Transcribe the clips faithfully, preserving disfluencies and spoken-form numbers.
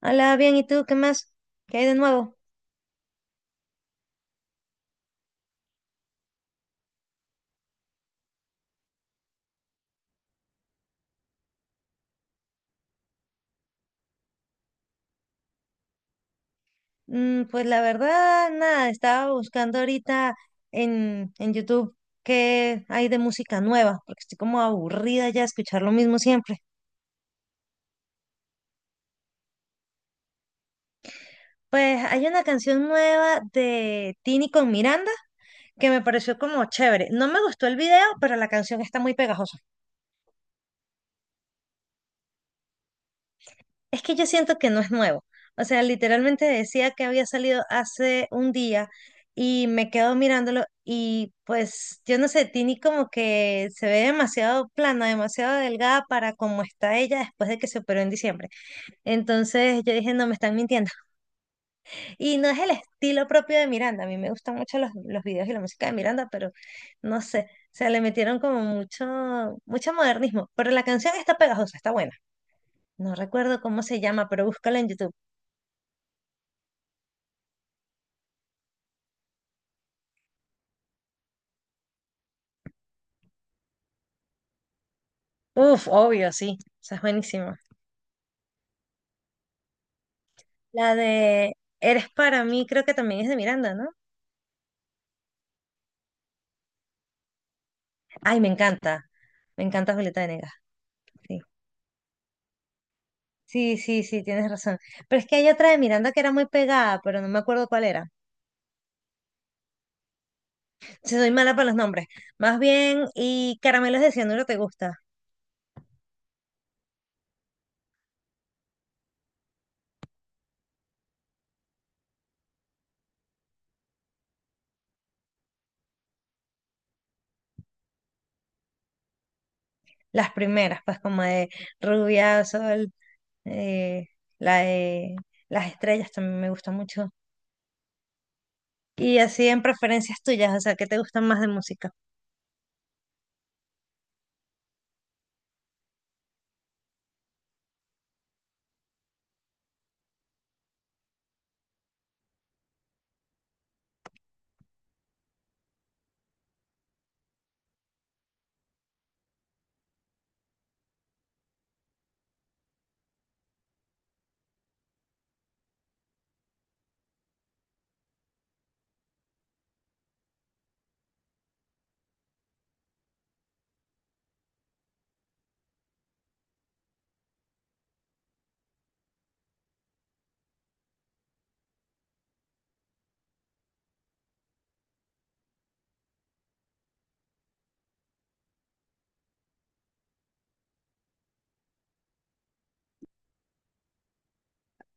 Hola, bien, ¿y tú qué más? ¿Qué hay de nuevo? Mm, pues la verdad, nada, estaba buscando ahorita en, en YouTube qué hay de música nueva, porque estoy como aburrida ya de escuchar lo mismo siempre. Pues hay una canción nueva de Tini con Miranda que me pareció como chévere. No me gustó el video, pero la canción está muy pegajosa. Es que yo siento que no es nuevo. O sea, literalmente decía que había salido hace un día y me quedo mirándolo y pues yo no sé, Tini como que se ve demasiado plana, demasiado delgada para como está ella después de que se operó en diciembre. Entonces yo dije, no, me están mintiendo. Y no es el estilo propio de Miranda. A mí me gustan mucho los, los videos y la música de Miranda, pero no sé, o sea, le metieron como mucho, mucho modernismo. Pero la canción está pegajosa, está buena. No recuerdo cómo se llama, pero búscala en YouTube. Uf, obvio, sí. Esa es buenísima. La de Eres para mí, creo que también es de Miranda, ¿no? Ay, me encanta. Me encanta Julieta Venegas. Sí. Sí, sí, sí, tienes razón. Pero es que hay otra de Miranda que era muy pegada, pero no me acuerdo cuál era. Si soy mala para los nombres. Más bien, y Caramelos de Cianuro te gusta. Las primeras, pues como de Rubia, Sol, eh, la de Las Estrellas también me gusta mucho. Y así en preferencias tuyas, o sea, ¿qué te gustan más de música?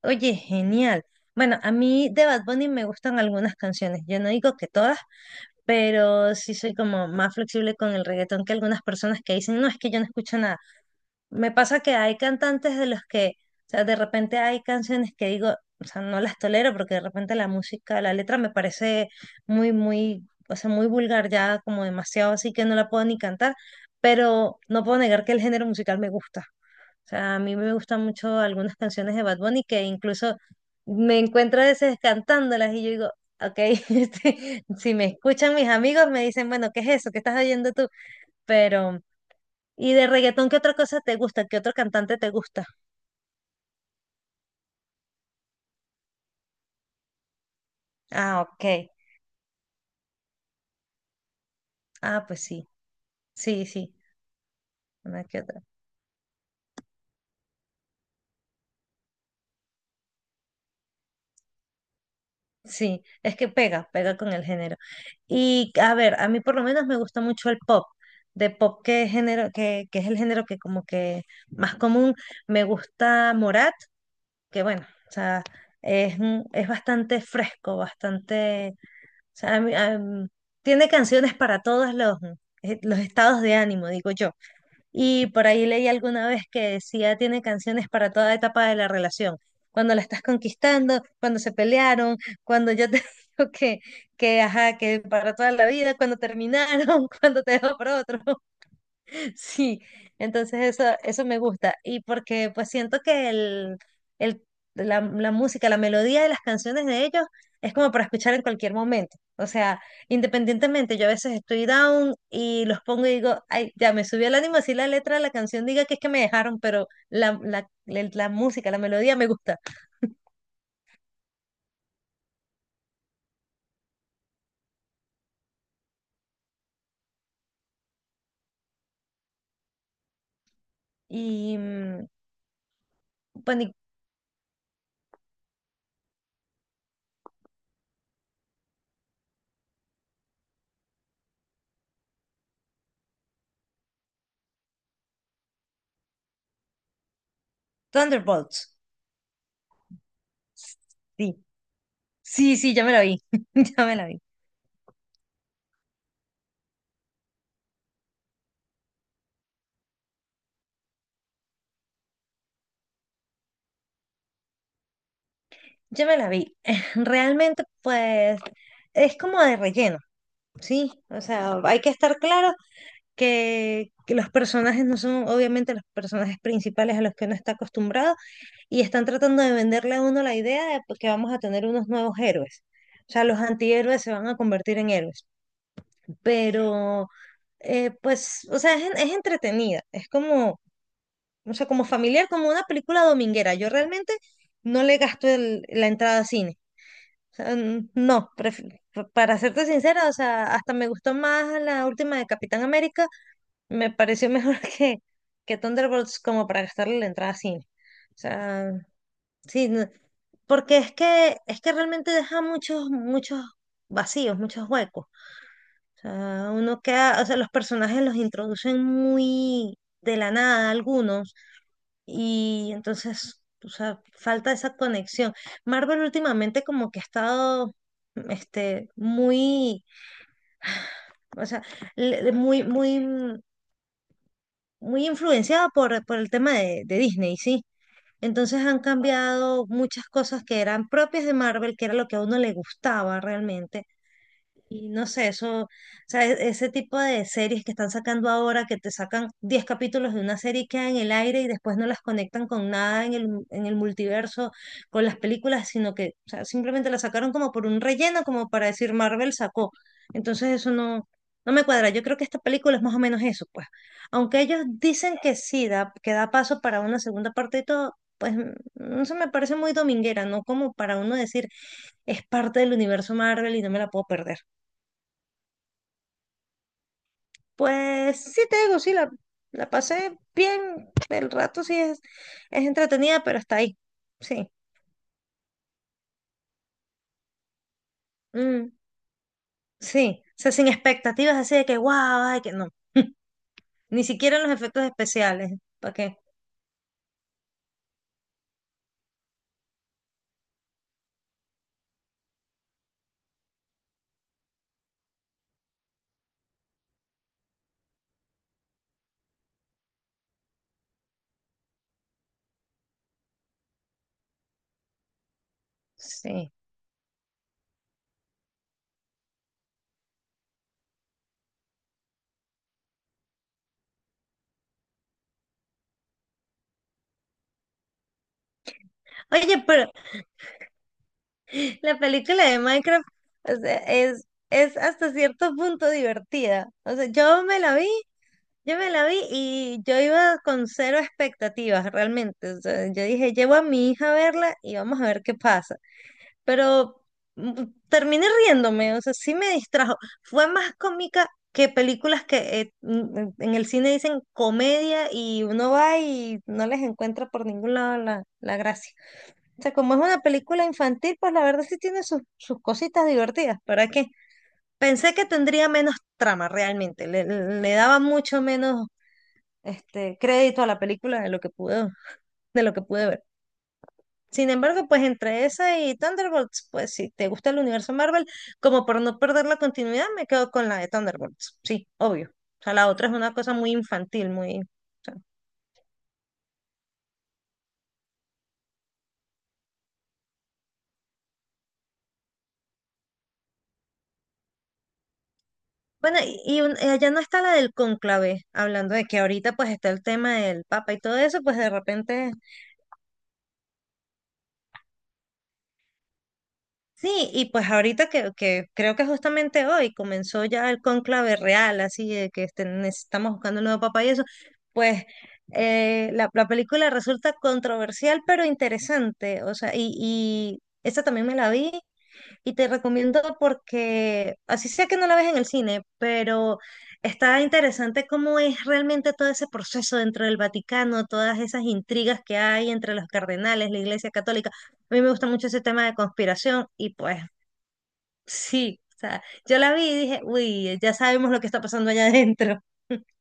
Oye, genial. Bueno, a mí de Bad Bunny me gustan algunas canciones. Yo no digo que todas, pero sí soy como más flexible con el reggaetón que algunas personas que dicen, no, es que yo no escucho nada. Me pasa que hay cantantes de los que, o sea, de repente hay canciones que digo, o sea, no las tolero porque de repente la música, la letra me parece muy, muy, o sea, muy vulgar ya, como demasiado así que no la puedo ni cantar, pero no puedo negar que el género musical me gusta. O sea, a mí me gustan mucho algunas canciones de Bad Bunny que incluso me encuentro a veces cantándolas y yo digo, ok, este, si me escuchan mis amigos me dicen, bueno, ¿qué es eso? ¿Qué estás oyendo tú? Pero, ¿y de reggaetón qué otra cosa te gusta? ¿Qué otro cantante te gusta? Ah, ok. Ah, pues sí, sí, sí, una que otra. Sí, es que pega, pega con el género. Y a ver, a mí por lo menos me gusta mucho el pop. De pop, ¿qué género, que que es el género que como que más común? Me gusta Morat que bueno, o sea, es, un- es bastante fresco, bastante, o sea, a mí- a mí- tiene canciones para todos los, eh, los estados de ánimo, digo yo. Y por ahí leí alguna vez que decía, tiene canciones para toda etapa de la relación, cuando la estás conquistando, cuando se pelearon, cuando yo te digo que, que, ajá, que para toda la vida, cuando terminaron, cuando te dejó por otro. Sí, entonces eso, eso me gusta. Y porque pues siento que el, el- la, la música, la melodía de las canciones de ellos es como para escuchar en cualquier momento. O sea, independientemente, yo a veces estoy down y los pongo y digo, ay, ya me subió el ánimo, así la letra de la canción diga que es que me dejaron, pero la, la, la, la música, la melodía me gusta. Y mm, bueno, y Thunderbolts. Sí, sí, sí, ya me la vi, ya me la vi. Yo me la vi. Realmente, pues, es como de relleno, ¿sí? O sea, hay que estar claro que, que los personajes no son obviamente los personajes principales a los que uno está acostumbrado y están tratando de venderle a uno la idea de pues, que vamos a tener unos nuevos héroes. O sea, los antihéroes se van a convertir en héroes. Pero, eh, pues, o sea, es, en- es entretenida. Es como, o sea, como familiar, como una película dominguera. Yo realmente no le gasto el- la entrada a cine sea, n- no, pref- para serte sincera, o sea, hasta me gustó más la última de Capitán América, me pareció mejor que, que Thunderbolts como para gastarle la entrada a cine. O sea, sí, no- porque es que, es que realmente deja muchos, muchos vacíos, muchos huecos. O sea, uno queda, o sea, los personajes los introducen muy de la nada, algunos. Y entonces, o sea, falta esa conexión. Marvel últimamente como que ha estado, este, muy, o sea, le- muy, muy, mm, muy influenciada por, por el tema de, de Disney, ¿sí? Entonces han cambiado muchas cosas que eran propias de Marvel, que era lo que a uno le gustaba realmente. Y no sé, eso, o sea, e- ese tipo de series que están sacando ahora, que te sacan diez capítulos de una serie y queda en el aire y después no las conectan con nada en el, en el multiverso, con las películas, sino que, o sea, simplemente las sacaron como por un relleno, como para decir Marvel sacó. Entonces eso no, no me cuadra. Yo creo que esta película es más o menos eso, pues. Aunque ellos dicen que sí, da, que da paso para una segunda parte y todo, pues mm, eso me parece muy dominguera, ¿no? Como para uno decir, es parte del universo Marvel y no me la puedo perder. Pues sí te digo, sí, la, la pasé bien, el rato sí es, es entretenida, pero está ahí, sí, mm, sí, o sea, sin expectativas así de que guau, ay, que no, ni siquiera en los efectos especiales, ¿para qué? Sí. Oye, pero la película de Minecraft, o sea, es, es hasta cierto punto divertida, o sea, yo me la vi, yo me la vi y yo iba con cero expectativas realmente, o sea, yo dije, llevo a mi hija a verla y vamos a ver qué pasa. Pero mm, terminé riéndome, o sea, sí me distrajo. Fue más cómica que películas que eh, mm, en el cine dicen comedia y uno va y no les encuentra por ningún lado la, la gracia. O sea, como es una película infantil, pues la verdad sí tiene sus, sus cositas divertidas, ¿para qué? Pensé que tendría menos trama realmente, le, le daba mucho menos este crédito a la película de lo que pude, de lo que pude ver. Sin embargo, pues entre esa y Thunderbolts, pues si te gusta el universo Marvel, como por no perder la continuidad, me quedo con la de Thunderbolts. Sí, obvio. O sea, la otra es una cosa muy infantil, muy... o sea. Bueno, y, y un- eh, allá no está la del cónclave, hablando de que ahorita pues está el tema del papa y todo eso, pues de repente sí, y pues ahorita que, que creo que justamente hoy comenzó ya el cónclave real, así de que este, necesitamos buscando un nuevo papa y eso, pues eh, la, la película resulta controversial pero interesante, o sea, y, y esa también me la vi y te recomiendo porque, así sea que no la ves en el cine, pero está interesante cómo es realmente todo ese proceso dentro del Vaticano, todas esas intrigas que hay entre los cardenales, la Iglesia Católica. A mí me gusta mucho ese tema de conspiración y pues sí, o sea, yo la vi y dije, uy, ya sabemos lo que está pasando allá adentro.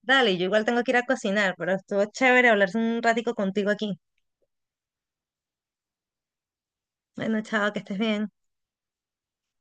Dale, yo igual tengo que ir a cocinar, pero estuvo chévere hablar un ratico contigo aquí. Bueno, chao, que estés bien.